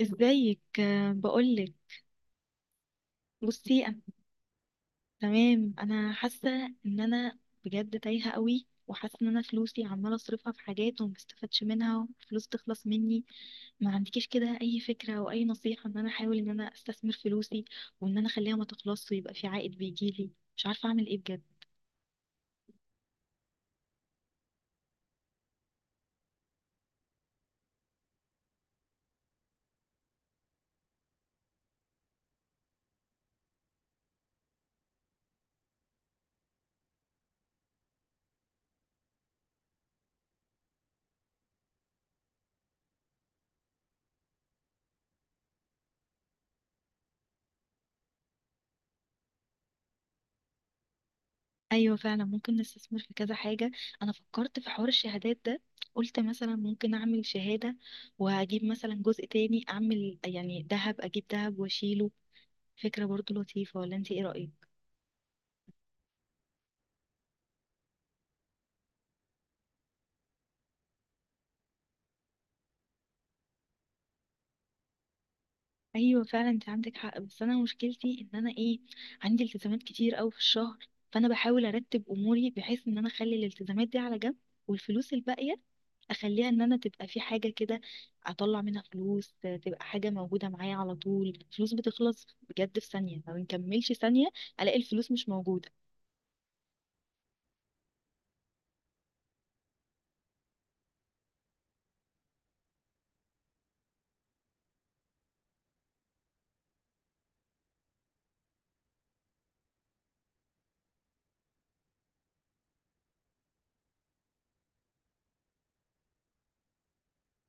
ازيك، آه، بقولك. بصي انا. تمام، انا حاسه ان انا بجد تايهه قوي، وحاسه ان انا فلوسي عماله اصرفها في حاجات وما بستفادش منها، وفلوس تخلص مني. ما عندكيش كده اي فكره او اي نصيحه ان انا احاول ان انا استثمر فلوسي، وان انا اخليها ما تخلصش، ويبقى في عائد بيجيلي؟ مش عارفه اعمل ايه بجد. ايوه فعلا، ممكن نستثمر في كذا حاجه. انا فكرت في حوار الشهادات ده. قلت مثلا ممكن اعمل شهاده، واجيب مثلا جزء تاني اعمل يعني ذهب، اجيب ذهب واشيله. فكرة برضو لطيفة، ولا انت ايه رأيك؟ ايوه فعلا، انت عندك حق. بس انا مشكلتي ان انا ايه، عندي التزامات كتير قوي في الشهر. فانا بحاول ارتب اموري بحيث ان انا اخلي الالتزامات دي على جنب، والفلوس الباقية اخليها ان انا تبقى في حاجة كده اطلع منها فلوس، آه، تبقى حاجة موجودة معايا على طول. الفلوس بتخلص بجد، في ثانية ما بنكملش ثانية الاقي الفلوس مش موجودة.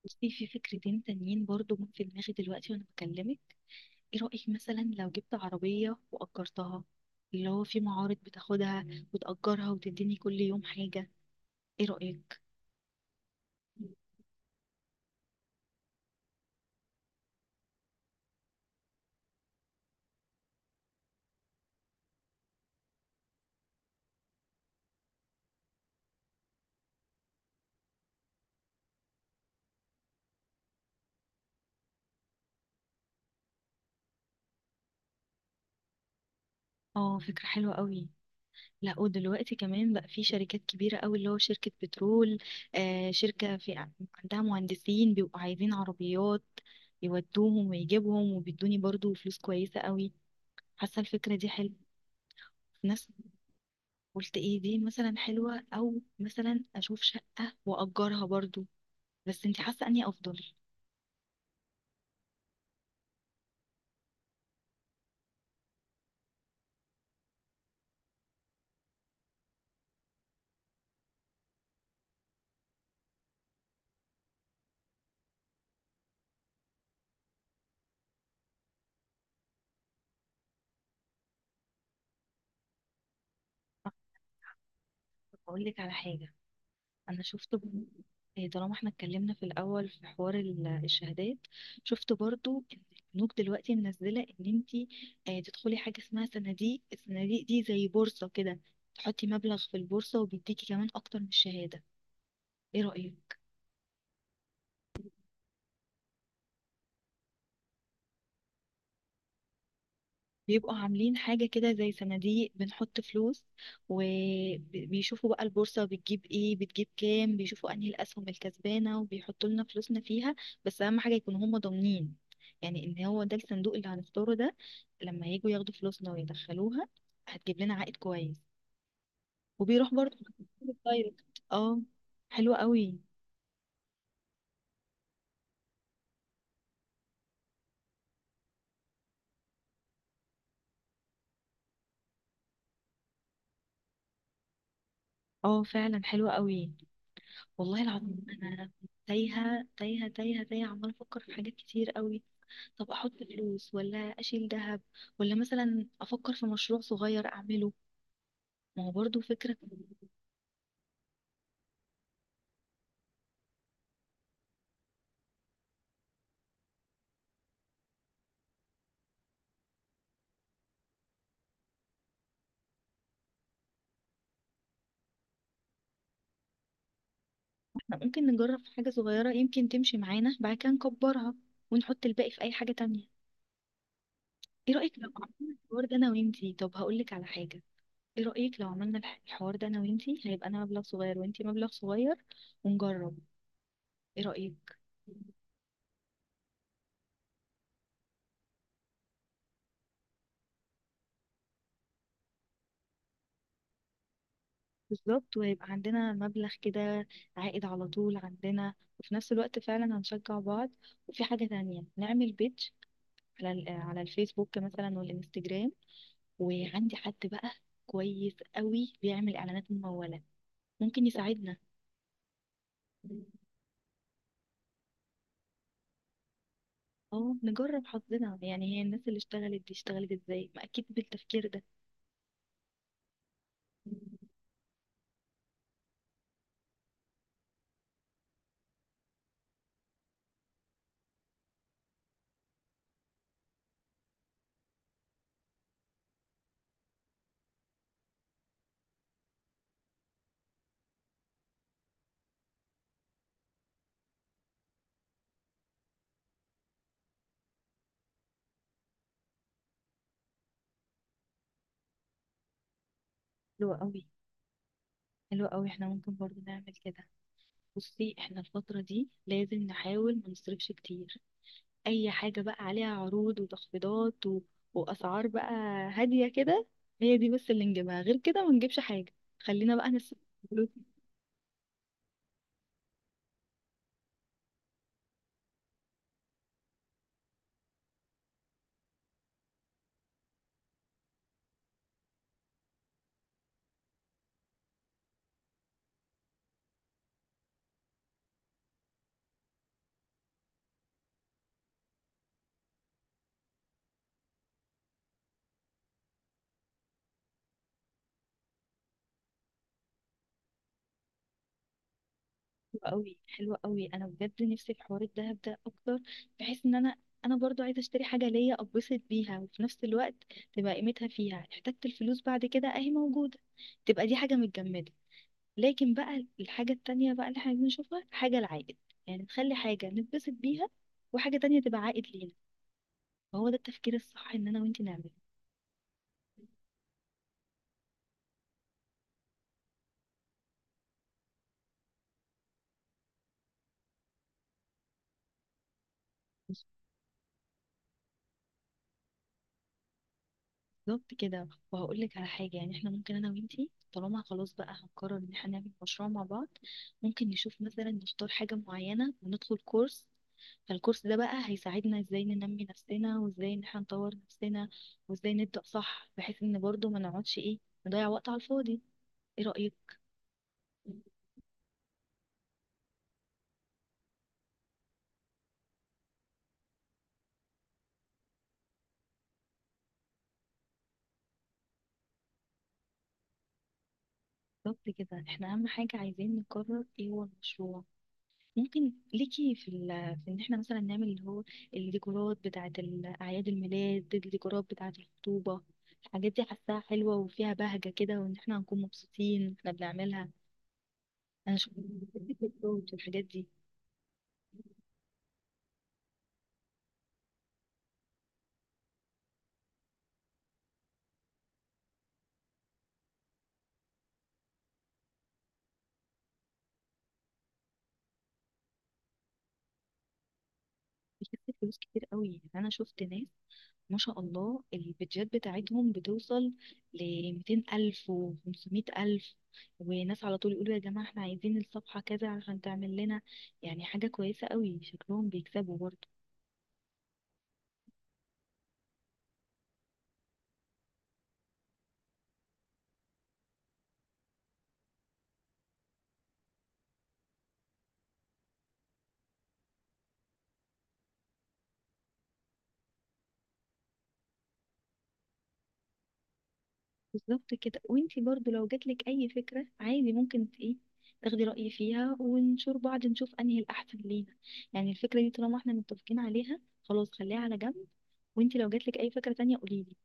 بصي، في فكرتين تانيين برضو جم في دماغي دلوقتي وانا بكلمك. ايه رأيك مثلا لو جبت عربية وأجرتها، اللي هو في معارض بتاخدها، وتأجرها وتديني كل يوم حاجة؟ ايه رأيك؟ اه، فكرة حلوة قوي. لا، ودلوقتي كمان بقى في شركات كبيرة قوي، اللي هو شركة بترول، آه، شركة في عندها مهندسين بيبقوا عايزين عربيات يودوهم ويجيبهم، وبيدوني برضو فلوس كويسة قوي. حاسة الفكرة دي حلوة. ناس. قلت ايه دي مثلا حلوة، او مثلا اشوف شقة واجرها برضو؟ بس انت حاسة اني افضل. اقول لك على حاجه. انا شفت إيه، طالما احنا اتكلمنا في الاول في حوار الشهادات، شفت برضو ان البنوك دلوقتي منزله ان انت، آه، تدخلي حاجه اسمها صناديق. الصناديق دي زي بورصه كده، تحطي مبلغ في البورصه وبيديكي كمان اكتر من الشهاده. ايه رايك؟ بيبقوا عاملين حاجة كده زي صناديق، بنحط فلوس، وبيشوفوا بقى البورصة بتجيب ايه، بتجيب كام، بيشوفوا انهي الأسهم الكسبانة وبيحطوا لنا فلوسنا فيها. بس أهم حاجة يكونوا هم ضامنين، يعني ان هو ده الصندوق اللي هنختاره ده، لما يجوا ياخدوا فلوسنا ويدخلوها، هتجيب لنا عائد كويس. وبيروح برضه. دايركت. اه. حلوة قوي. اه فعلا حلوة قوي. والله العظيم انا تايهة تايهة تايهة تايهة، عمالة افكر في حاجات كتير قوي. طب احط فلوس، ولا اشيل ذهب، ولا مثلا افكر في مشروع صغير اعمله؟ ما هو برضو فكرة. احنا ممكن نجرب في حاجة صغيرة يمكن تمشي معانا، بعد كده نكبرها، ونحط الباقي في اي حاجة تانية. ايه رأيك لو عملنا الحوار ده انا وانتي؟ طب هقولك على حاجة. ايه رأيك لو عملنا الحوار ده انا وانتي، هيبقى انا مبلغ صغير وانتي مبلغ صغير، ونجرب؟ ايه رأيك؟ بالظبط، ويبقى عندنا مبلغ كده، عائد على طول عندنا، وفي نفس الوقت فعلا هنشجع بعض. وفي حاجة تانية، نعمل بيدج على على الفيسبوك مثلا والانستجرام، وعندي حد بقى كويس قوي بيعمل اعلانات ممولة، ممكن يساعدنا. اه، نجرب حظنا يعني، هي الناس اللي اشتغلت دي اشتغلت ازاي؟ ما اكيد بالتفكير ده. حلو قوي، حلو قوي، احنا ممكن برضو نعمل كده. بصي، احنا الفترة دي لازم نحاول ما نصرفش كتير. اي حاجة بقى عليها عروض وتخفيضات و... واسعار بقى هادية كده، هي دي بس اللي نجيبها، غير كده ما نجيبش حاجة. خلينا بقى نسيب. حلوة قوي، حلوة قوي، انا بجد نفسي في حوار الدهب ده اكتر، بحيث ان انا، انا برضو عايزه اشتري حاجه ليا اتبسط بيها، وفي نفس الوقت تبقى قيمتها فيها، احتجت الفلوس بعد كده اهي موجوده، تبقى دي حاجه متجمده. لكن بقى الحاجه التانية بقى اللي احنا بنشوفها حاجه العائد، يعني نخلي حاجه نتبسط بيها، وحاجه تانية تبقى عائد لينا. فهو ده التفكير الصح ان انا وانتي نعمله. بالظبط كده، وهقول لك على حاجة. يعني احنا ممكن انا وانتي، طالما خلاص بقى هنقرر ان احنا نعمل مشروع مع بعض، ممكن نشوف مثلا نختار حاجة معينة وندخل كورس. فالكورس ده بقى هيساعدنا ازاي ننمي نفسنا، وازاي ان احنا نطور نفسنا، وازاي نبدأ صح، بحيث ان برضو ما نقعدش ايه، نضيع وقت على الفاضي. ايه رأيك؟ بالظبط كده، احنا اهم حاجة عايزين نقرر ايه هو المشروع. ممكن ليكي في, ال... في ان احنا مثلا نعمل اللي هو الديكورات بتاعة اعياد الميلاد، الديكورات بتاعة الخطوبة. الحاجات دي حاساها حلوة وفيها بهجة كده، وان احنا هنكون مبسوطين واحنا بنعملها. انا شفت الحاجات دي بتكسب فلوس كتير قوي. انا شفت ناس ما شاء الله البيدجات بتاعتهم بتوصل ل 200 ألف و 500 ألف، وناس على طول يقولوا يا جماعة احنا عايزين الصفحة كذا عشان تعمل لنا. يعني حاجة كويسة قوي، شكلهم بيكسبوا برضه. بالظبط كده، وانتي برضو لو جاتلك اي فكرة، عادي ممكن ايه، تاخدي رأيي فيها، ونشور بعض نشوف انهي الاحسن لينا. يعني الفكرة دي طالما احنا متفقين عليها خلاص، خليها على جنب، وانتي لو جاتلك اي فكرة تانية قوليلي.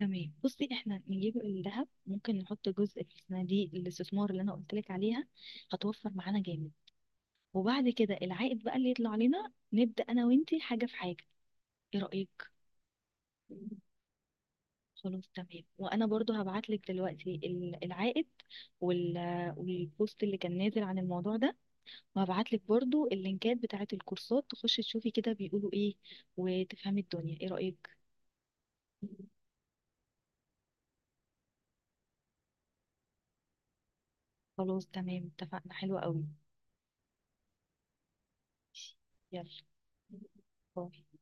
تمام. بصي، احنا نجيب الذهب، ممكن نحط جزء في صناديق الاستثمار اللي انا قلتلك عليها، هتوفر معانا جامد. وبعد كده العائد بقى اللي يطلع لنا، نبدأ انا وانتي حاجة في حاجة. ايه رأيك؟ خلاص تمام. وانا برضو هبعت لك دلوقتي العائد وال... والبوست اللي كان نازل عن الموضوع ده، وهبعت لك برضو اللينكات بتاعه الكورسات، تخشي تشوفي كده بيقولوا ايه، وتفهمي الدنيا. ايه رأيك؟ خلاص تمام، اتفقنا، حلوة قوي. يلا. باي.